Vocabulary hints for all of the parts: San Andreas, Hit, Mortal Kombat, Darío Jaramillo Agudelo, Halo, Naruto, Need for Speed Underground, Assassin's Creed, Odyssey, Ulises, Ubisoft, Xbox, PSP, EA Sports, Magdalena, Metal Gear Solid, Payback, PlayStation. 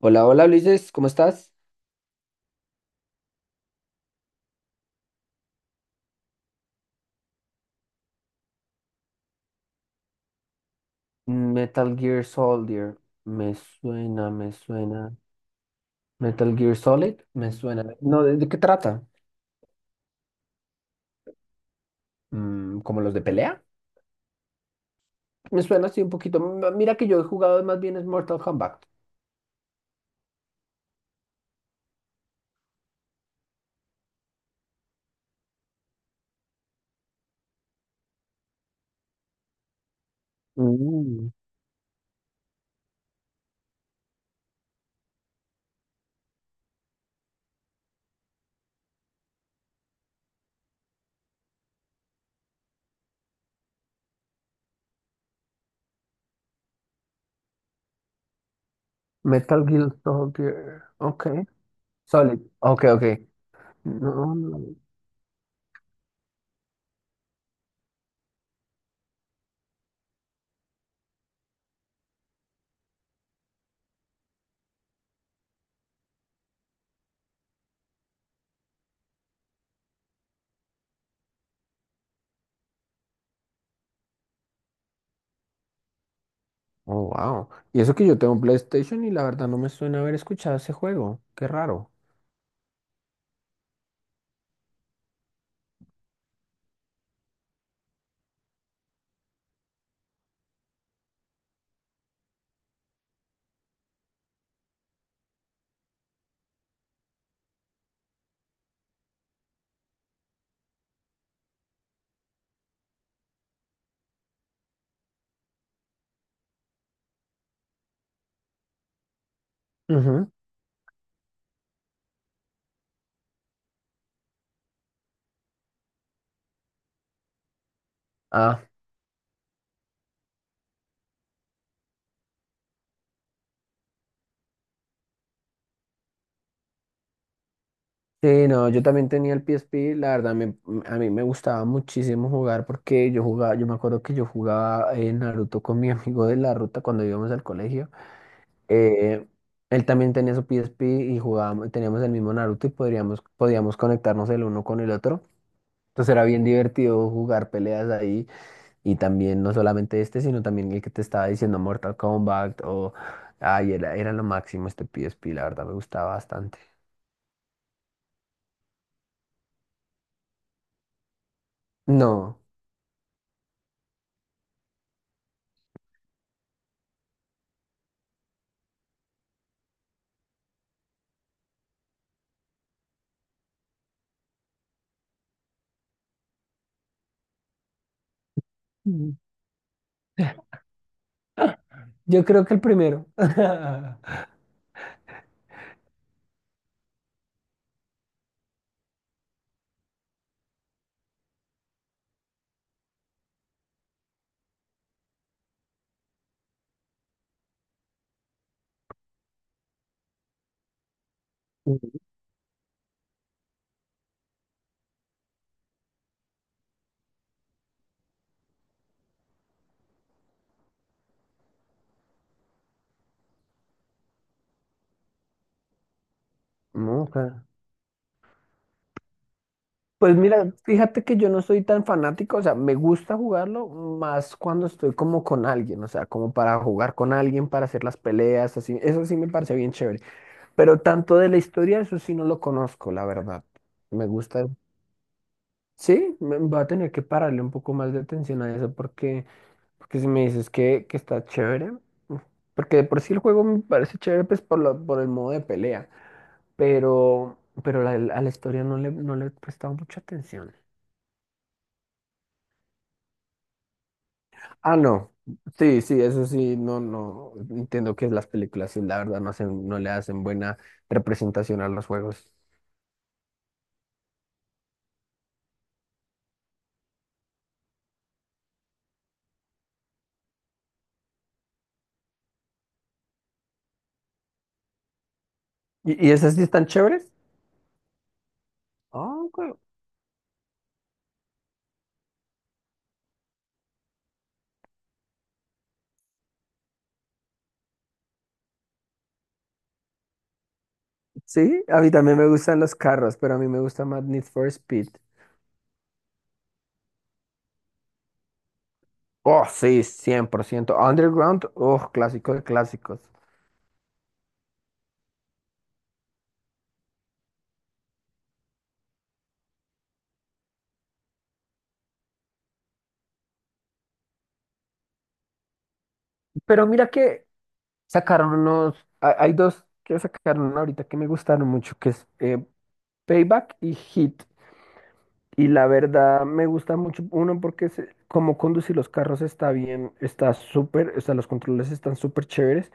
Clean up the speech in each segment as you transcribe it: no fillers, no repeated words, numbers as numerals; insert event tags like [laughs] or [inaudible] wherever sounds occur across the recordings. Hola, hola Ulises, ¿cómo estás? Metal Gear Soldier, me suena. Metal Gear Solid, me suena. No, ¿de qué trata? ¿Como los de pelea? Me suena así un poquito. Mira que yo he jugado más bien es Mortal Kombat. Mm, Metal Gear Soldier, ok. Solid, ok, ok. No, no. Oh, wow. Y eso que yo tengo PlayStation y la verdad no me suena haber escuchado ese juego. Qué raro. Ujú. Ah, sí, no, yo también tenía el PSP, a mí me gustaba muchísimo jugar porque yo jugaba, yo me acuerdo que yo jugaba Naruto con mi amigo de la ruta cuando íbamos al colegio. Eh, Él también tenía su PSP y jugábamos, teníamos el mismo Naruto y podíamos conectarnos el uno con el otro. Entonces era bien divertido jugar peleas ahí y también no solamente este, sino también el que te estaba diciendo Mortal Kombat o... Ay, era lo máximo este PSP, la verdad me gustaba bastante. No. Mm. [laughs] Yo creo que el primero. [laughs] No, claro. Pues mira, fíjate que yo no soy tan fanático, o sea, me gusta jugarlo más cuando estoy como con alguien, o sea, como para jugar con alguien, para hacer las peleas, así, eso sí me parece bien chévere. Pero tanto de la historia, eso sí no lo conozco, la verdad. Me gusta. Sí, me, voy a tener que pararle un poco más de atención a eso porque, porque si me dices que está chévere, porque de por sí el juego me parece chévere, pues por, por el modo de pelea. pero, pero a la historia no le, no le he prestado mucha atención. Ah, no. Sí, sí, eso sí, no, no. Entiendo que las películas, sí, la verdad, no hacen, no le hacen buena representación a los juegos. Y esas sí están chéveres? Ah, ok. Sí, a mí también me gustan los carros, pero a mí me gusta más Need for Speed. Oh, sí, 100% Underground, oh, clásico de clásicos. Pero mira que sacaron unos, hay dos que sacaron ahorita que me gustaron mucho, que es Payback y Hit. Y la verdad me gusta mucho, uno, porque como conducir los carros está bien, está súper, o sea, los controles están súper chéveres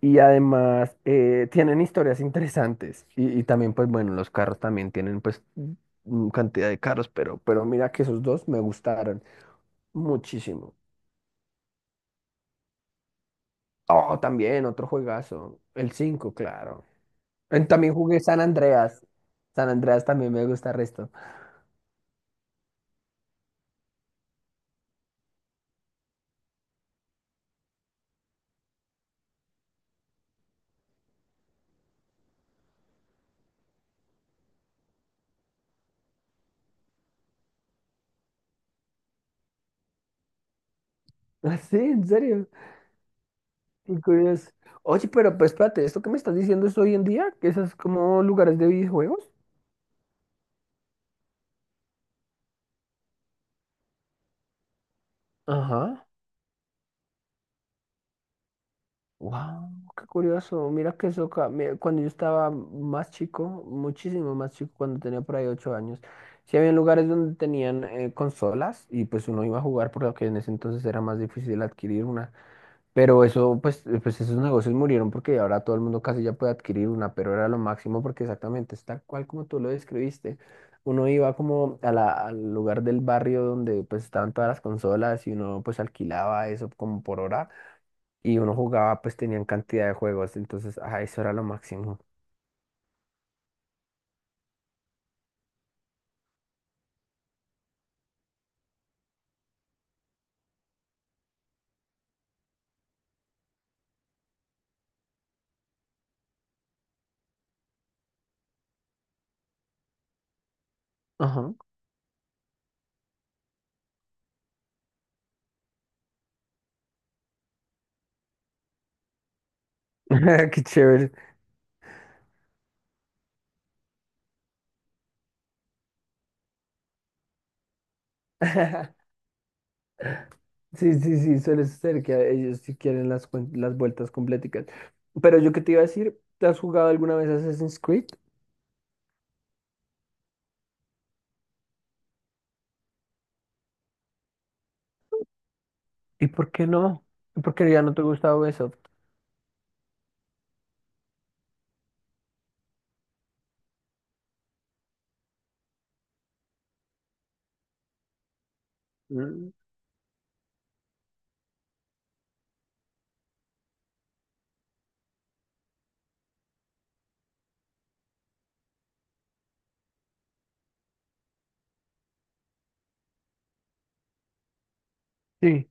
y además tienen historias interesantes. Y también, pues bueno, los carros también tienen pues cantidad de carros, pero mira que esos dos me gustaron muchísimo. Oh, también otro juegazo, el 5 claro. También jugué San Andreas. San Andreas también me gusta el resto. [laughs] Ah, sí, en serio. Qué curioso. Oye, pero pues espérate, ¿esto que me estás diciendo es hoy en día? ¿Que esas como lugares de videojuegos? Ajá. Wow. Qué curioso, mira que eso, mira, cuando yo estaba más chico, muchísimo más chico, cuando tenía por ahí ocho años, sí había lugares donde tenían consolas y pues uno iba a jugar porque en ese entonces era más difícil adquirir una. Pero eso, pues, pues esos negocios murieron porque ahora todo el mundo casi ya puede adquirir una, pero era lo máximo porque exactamente es tal cual como tú lo describiste. Uno iba como a al lugar del barrio donde pues estaban todas las consolas y uno pues alquilaba eso como por hora y uno jugaba pues tenían cantidad de juegos, entonces, ah, eso era lo máximo. Ajá. [laughs] Qué chévere. [laughs] Sí, sí, sí, suele ser que ellos sí quieren las, las vueltas completicas. Pero yo qué te iba a decir, ¿te has jugado alguna vez Assassin's Creed? ¿Y por qué no? ¿Y por qué ya no te gusta Ubisoft? Mm, sí.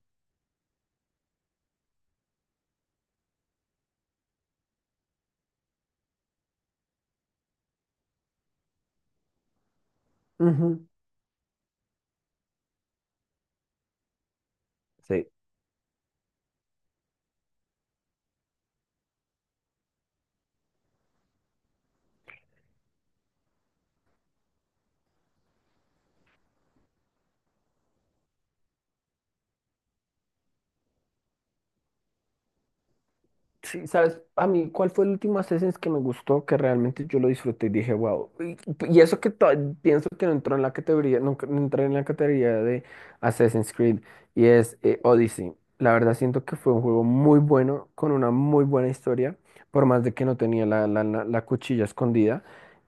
Ujú. Sí. Sí, ¿sabes? A mí, ¿cuál fue el último Assassin's que me gustó, que realmente yo lo disfruté y dije, wow? Y, y eso que to- pienso que no entró en la categoría, nunca no entré en la categoría de Assassin's Creed, y es Odyssey. La verdad siento que fue un juego muy bueno, con una muy buena historia, por más de que no tenía la cuchilla escondida,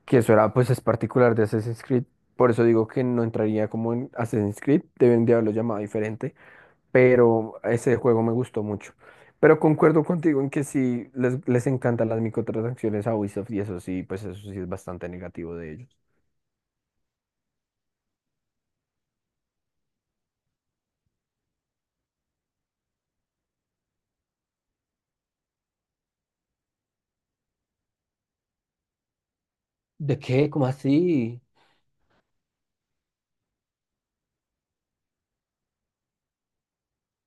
que eso era, pues es particular de Assassin's Creed, por eso digo que no entraría como en Assassin's Creed, deben de haberlo llamado diferente pero ese juego me gustó mucho. Pero concuerdo contigo en que sí les encantan las microtransacciones a Ubisoft y eso sí, pues eso sí es bastante negativo de ellos. ¿De qué? ¿Cómo así?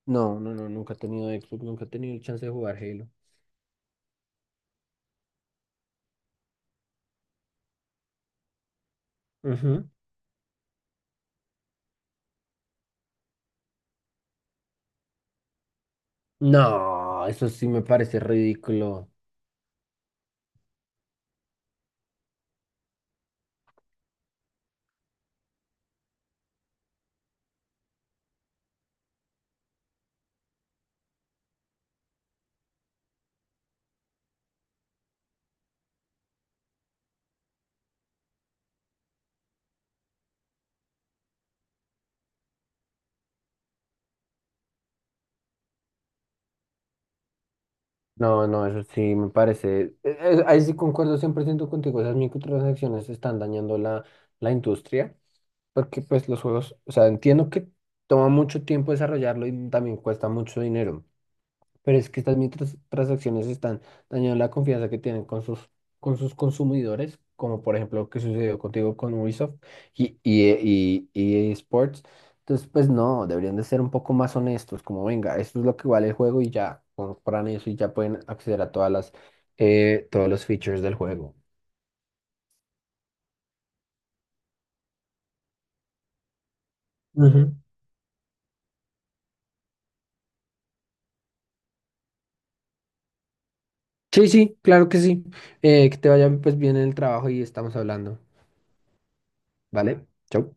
No, no, no, nunca he tenido Xbox, nunca he tenido el chance de jugar Halo. Ujú. No, eso sí me parece ridículo. No, no, eso sí me parece. Ahí sí concuerdo 100% contigo. Esas microtransacciones están dañando la, la industria. Porque pues los juegos, o sea, entiendo que toma mucho tiempo desarrollarlo y también cuesta mucho dinero, pero es que estas micros transacciones están dañando la confianza que tienen con sus consumidores, como por ejemplo lo que sucedió contigo con Ubisoft y EA Sports. Entonces, pues no, deberían de ser un poco más honestos, como venga, esto es lo que vale el juego y ya, compran eso y ya pueden acceder a todas las, todos los features del juego. Sí, sí, claro que sí. Que te vaya pues bien en el trabajo y estamos hablando. ¿Vale? Chau.